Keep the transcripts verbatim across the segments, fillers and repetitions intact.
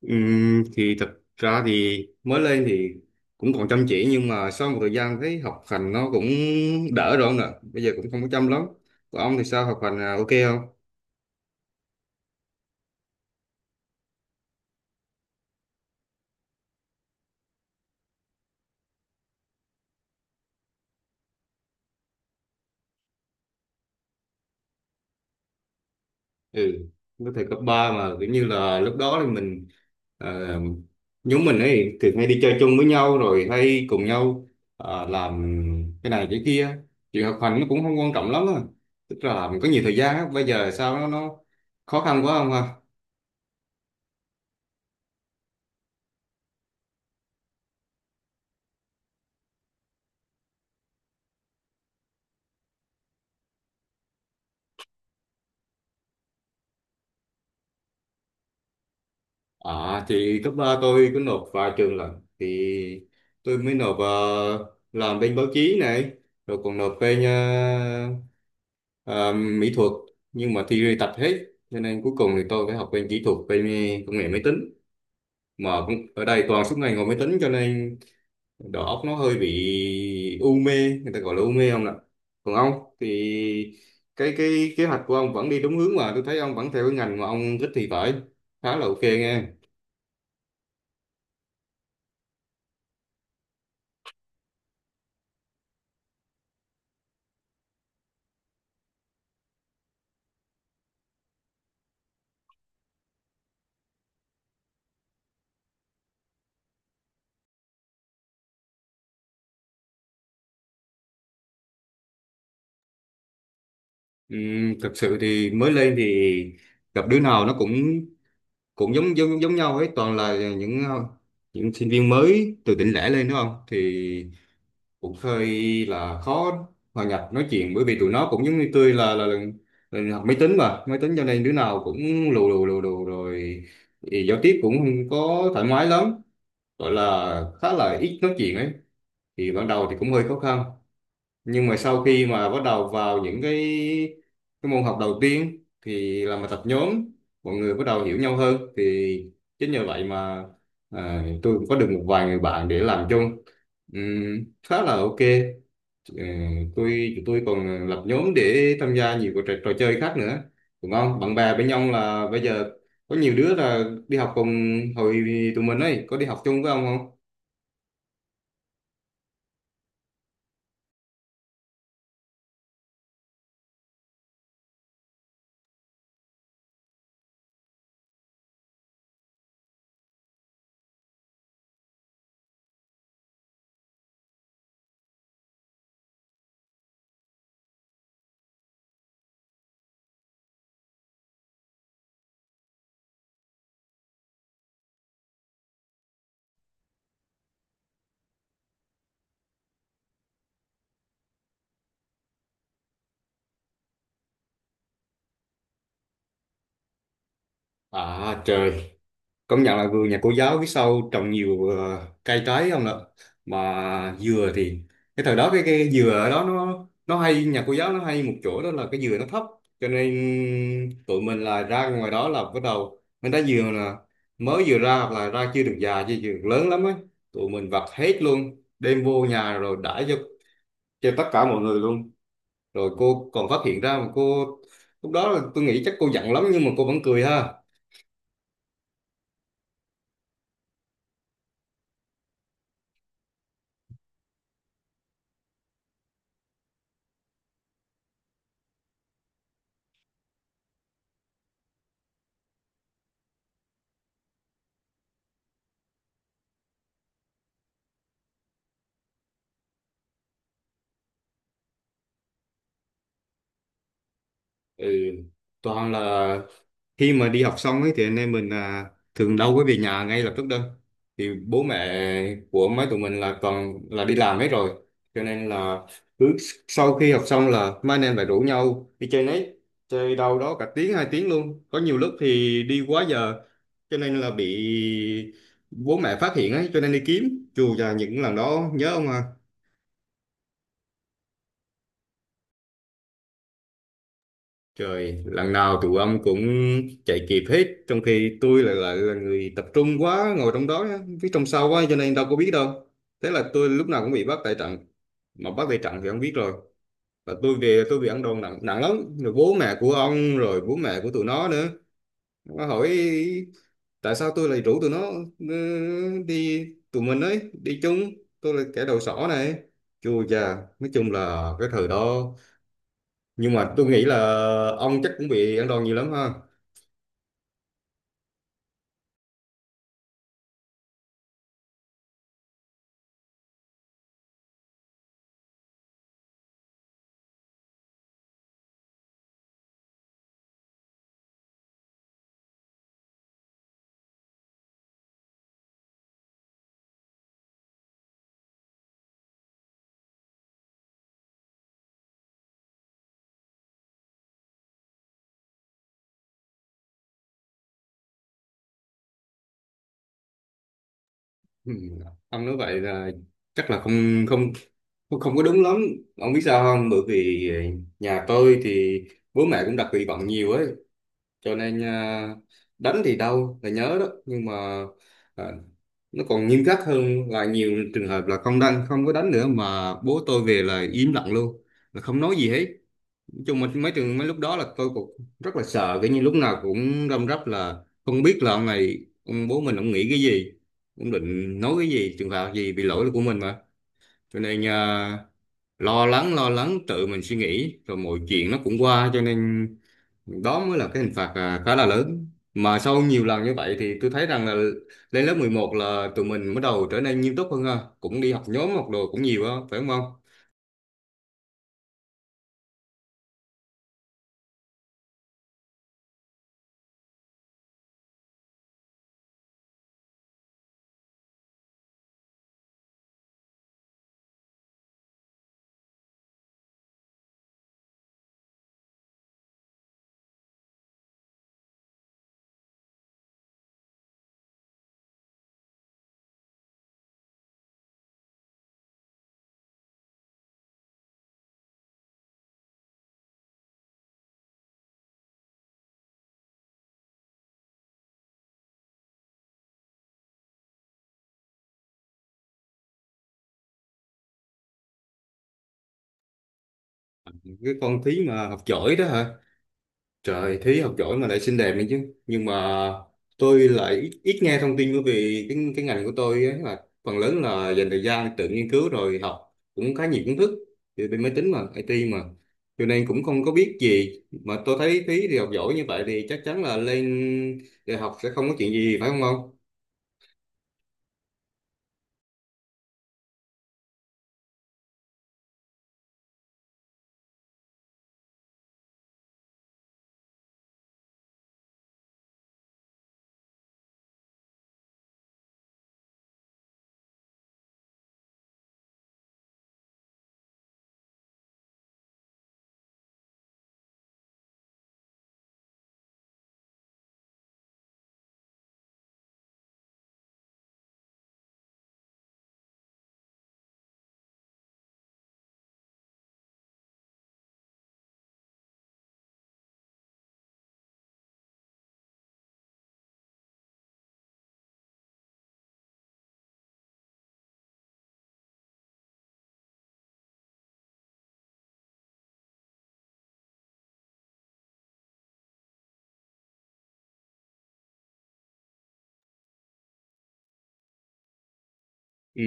Ừm, thì thật ra thì mới lên thì cũng còn chăm chỉ, nhưng mà sau một thời gian thấy học hành nó cũng đỡ rồi ông ạ. Bây giờ cũng không có chăm lắm. Còn ông thì sao, học hành à, ok không? Ừ, với thời cấp ba mà kiểu như là lúc đó thì mình, ờ, nhóm mình ấy thường hay đi chơi chung với nhau rồi hay cùng nhau ờ, làm cái này cái kia. Chuyện học hành nó cũng không quan trọng lắm á, tức là mình có nhiều thời gian á. Bây giờ sao nó nó khó khăn quá không ha? À, thì cấp ba tôi có nộp vài trường lần thì tôi mới nộp, ờ, làm bên báo chí này, rồi còn nộp bên ờ, ờ, mỹ thuật, nhưng mà thi tạch hết cho nên cuối cùng thì tôi phải học bên kỹ thuật, bên công nghệ máy tính. Mà cũng ở đây toàn suốt ngày ngồi máy tính cho nên đầu óc nó hơi bị u mê, người ta gọi là u mê không ạ? Còn ông thì cái cái kế hoạch của ông vẫn đi đúng hướng, mà tôi thấy ông vẫn theo cái ngành mà ông thích thì phải, khá là ok nghe. Ừ, thực sự thì mới lên thì gặp đứa nào nó cũng cũng giống giống giống nhau ấy, toàn là những những sinh viên mới từ tỉnh lẻ lên đúng không, thì cũng hơi là khó hòa nhập nói chuyện, bởi vì tụi nó cũng giống như tôi là là, là, là học máy tính mà máy tính, cho nên đứa nào cũng lù lù lù lù rồi thì giao tiếp cũng không có thoải mái lắm, gọi là khá là ít nói chuyện ấy. Thì ban đầu thì cũng hơi khó khăn, nhưng mà sau khi mà bắt đầu vào những cái cái môn học đầu tiên thì làm bài tập nhóm, mọi người bắt đầu hiểu nhau hơn thì chính nhờ vậy mà à, tôi cũng có được một vài người bạn để làm chung. Ừm, khá là ok. Ừ, tôi tụi tôi còn lập nhóm để tham gia nhiều cái trò, trò chơi khác nữa, đúng không, bạn bè bên nhau. Là bây giờ có nhiều đứa là đi học cùng hồi tụi mình ấy, có đi học chung với ông không? À trời, công nhận là vườn nhà cô giáo phía sau trồng nhiều ờ, cây trái không ạ? Mà dừa thì cái thời đó cái cái dừa ở đó nó nó hay, nhà cô giáo nó hay một chỗ đó là cái dừa nó thấp, cho nên tụi mình là ra ngoài đó là bắt đầu mình thấy dừa là mới vừa ra, hoặc là ra chưa được già chưa được lớn lắm á, tụi mình vặt hết luôn đem vô nhà rồi đãi cho cho tất cả mọi người luôn. Rồi cô còn phát hiện ra mà cô, lúc đó là tôi nghĩ chắc cô giận lắm nhưng mà cô vẫn cười ha. Ừ, toàn là khi mà đi học xong ấy thì anh em mình à, thường đâu có về nhà ngay lập tức đâu, thì bố mẹ của mấy tụi mình là toàn là đi làm hết rồi, cho nên là cứ sau khi học xong là mấy anh em lại rủ nhau đi chơi nấy, chơi đâu đó cả tiếng hai tiếng luôn, có nhiều lúc thì đi quá giờ cho nên là bị bố mẹ phát hiện ấy, cho nên đi kiếm dù là những lần đó nhớ ông à. Trời, lần nào tụi ông cũng chạy kịp hết, trong khi tôi lại lại là người tập trung quá, ngồi trong đó, phía trong sau quá, cho nên đâu có biết đâu. Thế là tôi lúc nào cũng bị bắt tại trận, mà bắt tại trận thì ông biết rồi. Và tôi về tôi bị ăn đòn nặng nặng lắm, rồi bố mẹ của ông, rồi bố mẹ của tụi nó nữa. Nó hỏi tại sao tôi lại rủ tụi nó, ừ, đi, tụi mình ấy, đi chung, tôi là kẻ đầu sỏ này. Chua chà, nói chung là cái thời đó, nhưng mà tôi nghĩ là ông chắc cũng bị ăn đòn nhiều lắm ha. Ừ. Ông nói vậy là chắc là không không không không có đúng lắm. Ông biết sao không? Bởi vì nhà tôi thì bố mẹ cũng đặt kỳ vọng nhiều ấy, cho nên à, đánh thì đau là nhớ đó, nhưng mà à, nó còn nghiêm khắc hơn là nhiều trường hợp là không đánh không có đánh nữa, mà bố tôi về là im lặng luôn, là không nói gì hết. Nói chung mà mấy trường mấy lúc đó là tôi cũng rất là sợ, kiểu như lúc nào cũng răm rắp, là không biết là ông này ông bố mình ông nghĩ cái gì, ông định nói cái gì, trường phạt gì vì lỗi là của mình mà, cho nên à, lo lắng lo lắng tự mình suy nghĩ rồi mọi chuyện nó cũng qua, cho nên đó mới là cái hình phạt, à, khá là lớn. Mà sau nhiều lần như vậy thì tôi thấy rằng là lên lớp mười một là tụi mình bắt đầu trở nên nghiêm túc hơn ha, cũng đi học nhóm học đồ cũng nhiều á phải không không? Cái con thí mà học giỏi đó hả? Trời, Thúy học giỏi mà lại xinh đẹp nữa chứ. Nhưng mà tôi lại ít, ít nghe thông tin, bởi vì cái cái ngành của tôi ấy là phần lớn là dành thời gian tự nghiên cứu, rồi học cũng khá nhiều kiến thức về bên máy tính mà, i tê mà. Cho nên cũng không có biết gì. Mà tôi thấy Thúy thì học giỏi như vậy thì chắc chắn là lên đại học sẽ không có chuyện gì phải không không? Ừ,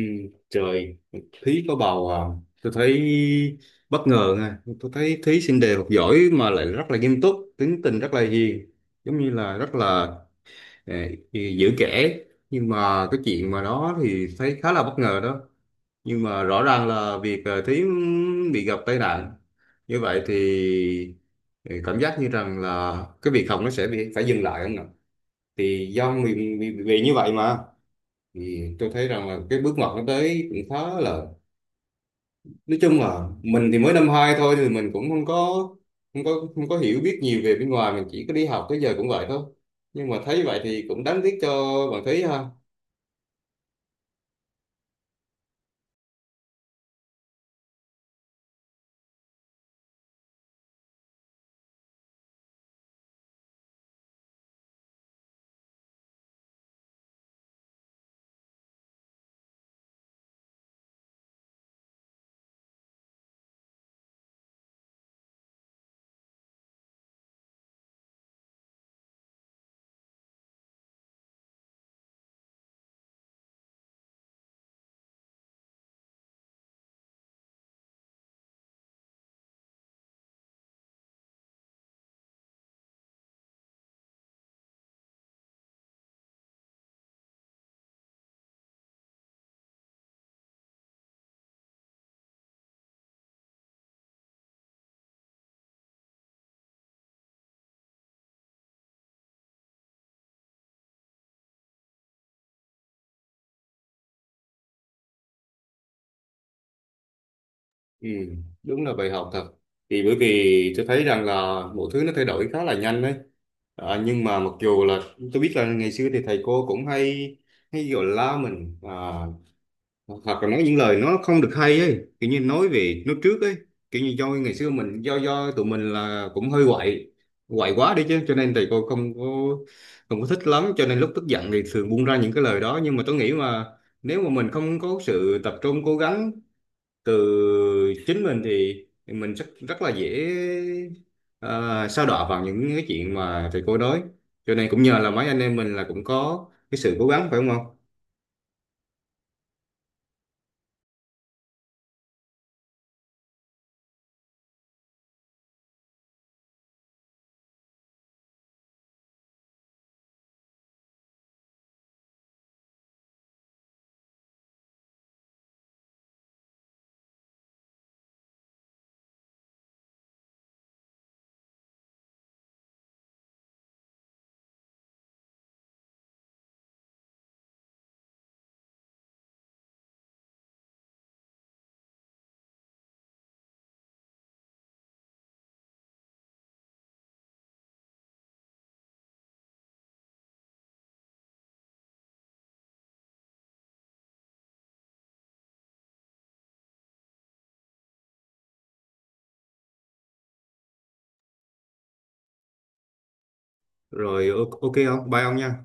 trời, Thúy có bầu à. Tôi thấy bất ngờ nha. Tôi thấy Thúy xinh đẹp học giỏi mà lại rất là nghiêm túc, tính tình rất là hiền, giống như là rất là. Nè, thì giữ kể, nhưng mà cái chuyện mà đó thì thấy khá là bất ngờ đó, nhưng mà rõ ràng là việc ờ, Thúy bị gặp tai nạn như vậy thì thì cảm giác như rằng là cái việc học nó sẽ bị phải dừng lại không nào, thì do vì, vì, vì như vậy mà, thì tôi thấy rằng là cái bước ngoặt nó tới cũng khá là. Nói chung là mình thì mới năm hai thôi thì mình cũng không có không có không có hiểu biết nhiều về bên ngoài, mình chỉ có đi học tới giờ cũng vậy thôi, nhưng mà thấy vậy thì cũng đáng tiếc cho bạn Thúy ha. Ừ, đúng là bài học thật. Thì bởi vì tôi thấy rằng là mọi thứ nó thay đổi khá là nhanh đấy. À, nhưng mà mặc dù là tôi biết là ngày xưa thì thầy cô cũng hay hay gọi la mình à, hoặc là nói những lời nó không được hay ấy, kiểu như nói về nói trước ấy, kiểu như do ngày xưa mình do do tụi mình là cũng hơi quậy, quậy quá đi chứ cho nên thầy cô không có không có thích lắm, cho nên lúc tức giận thì thường buông ra những cái lời đó. Nhưng mà tôi nghĩ mà nếu mà mình không có sự tập trung cố gắng từ chính mình thì mình rất rất là dễ ờ, sa đọa vào những cái chuyện mà thầy cô nói, cho nên cũng nhờ là mấy anh em mình là cũng có cái sự cố gắng phải không ông? Rồi o- ok không, bye ông nha.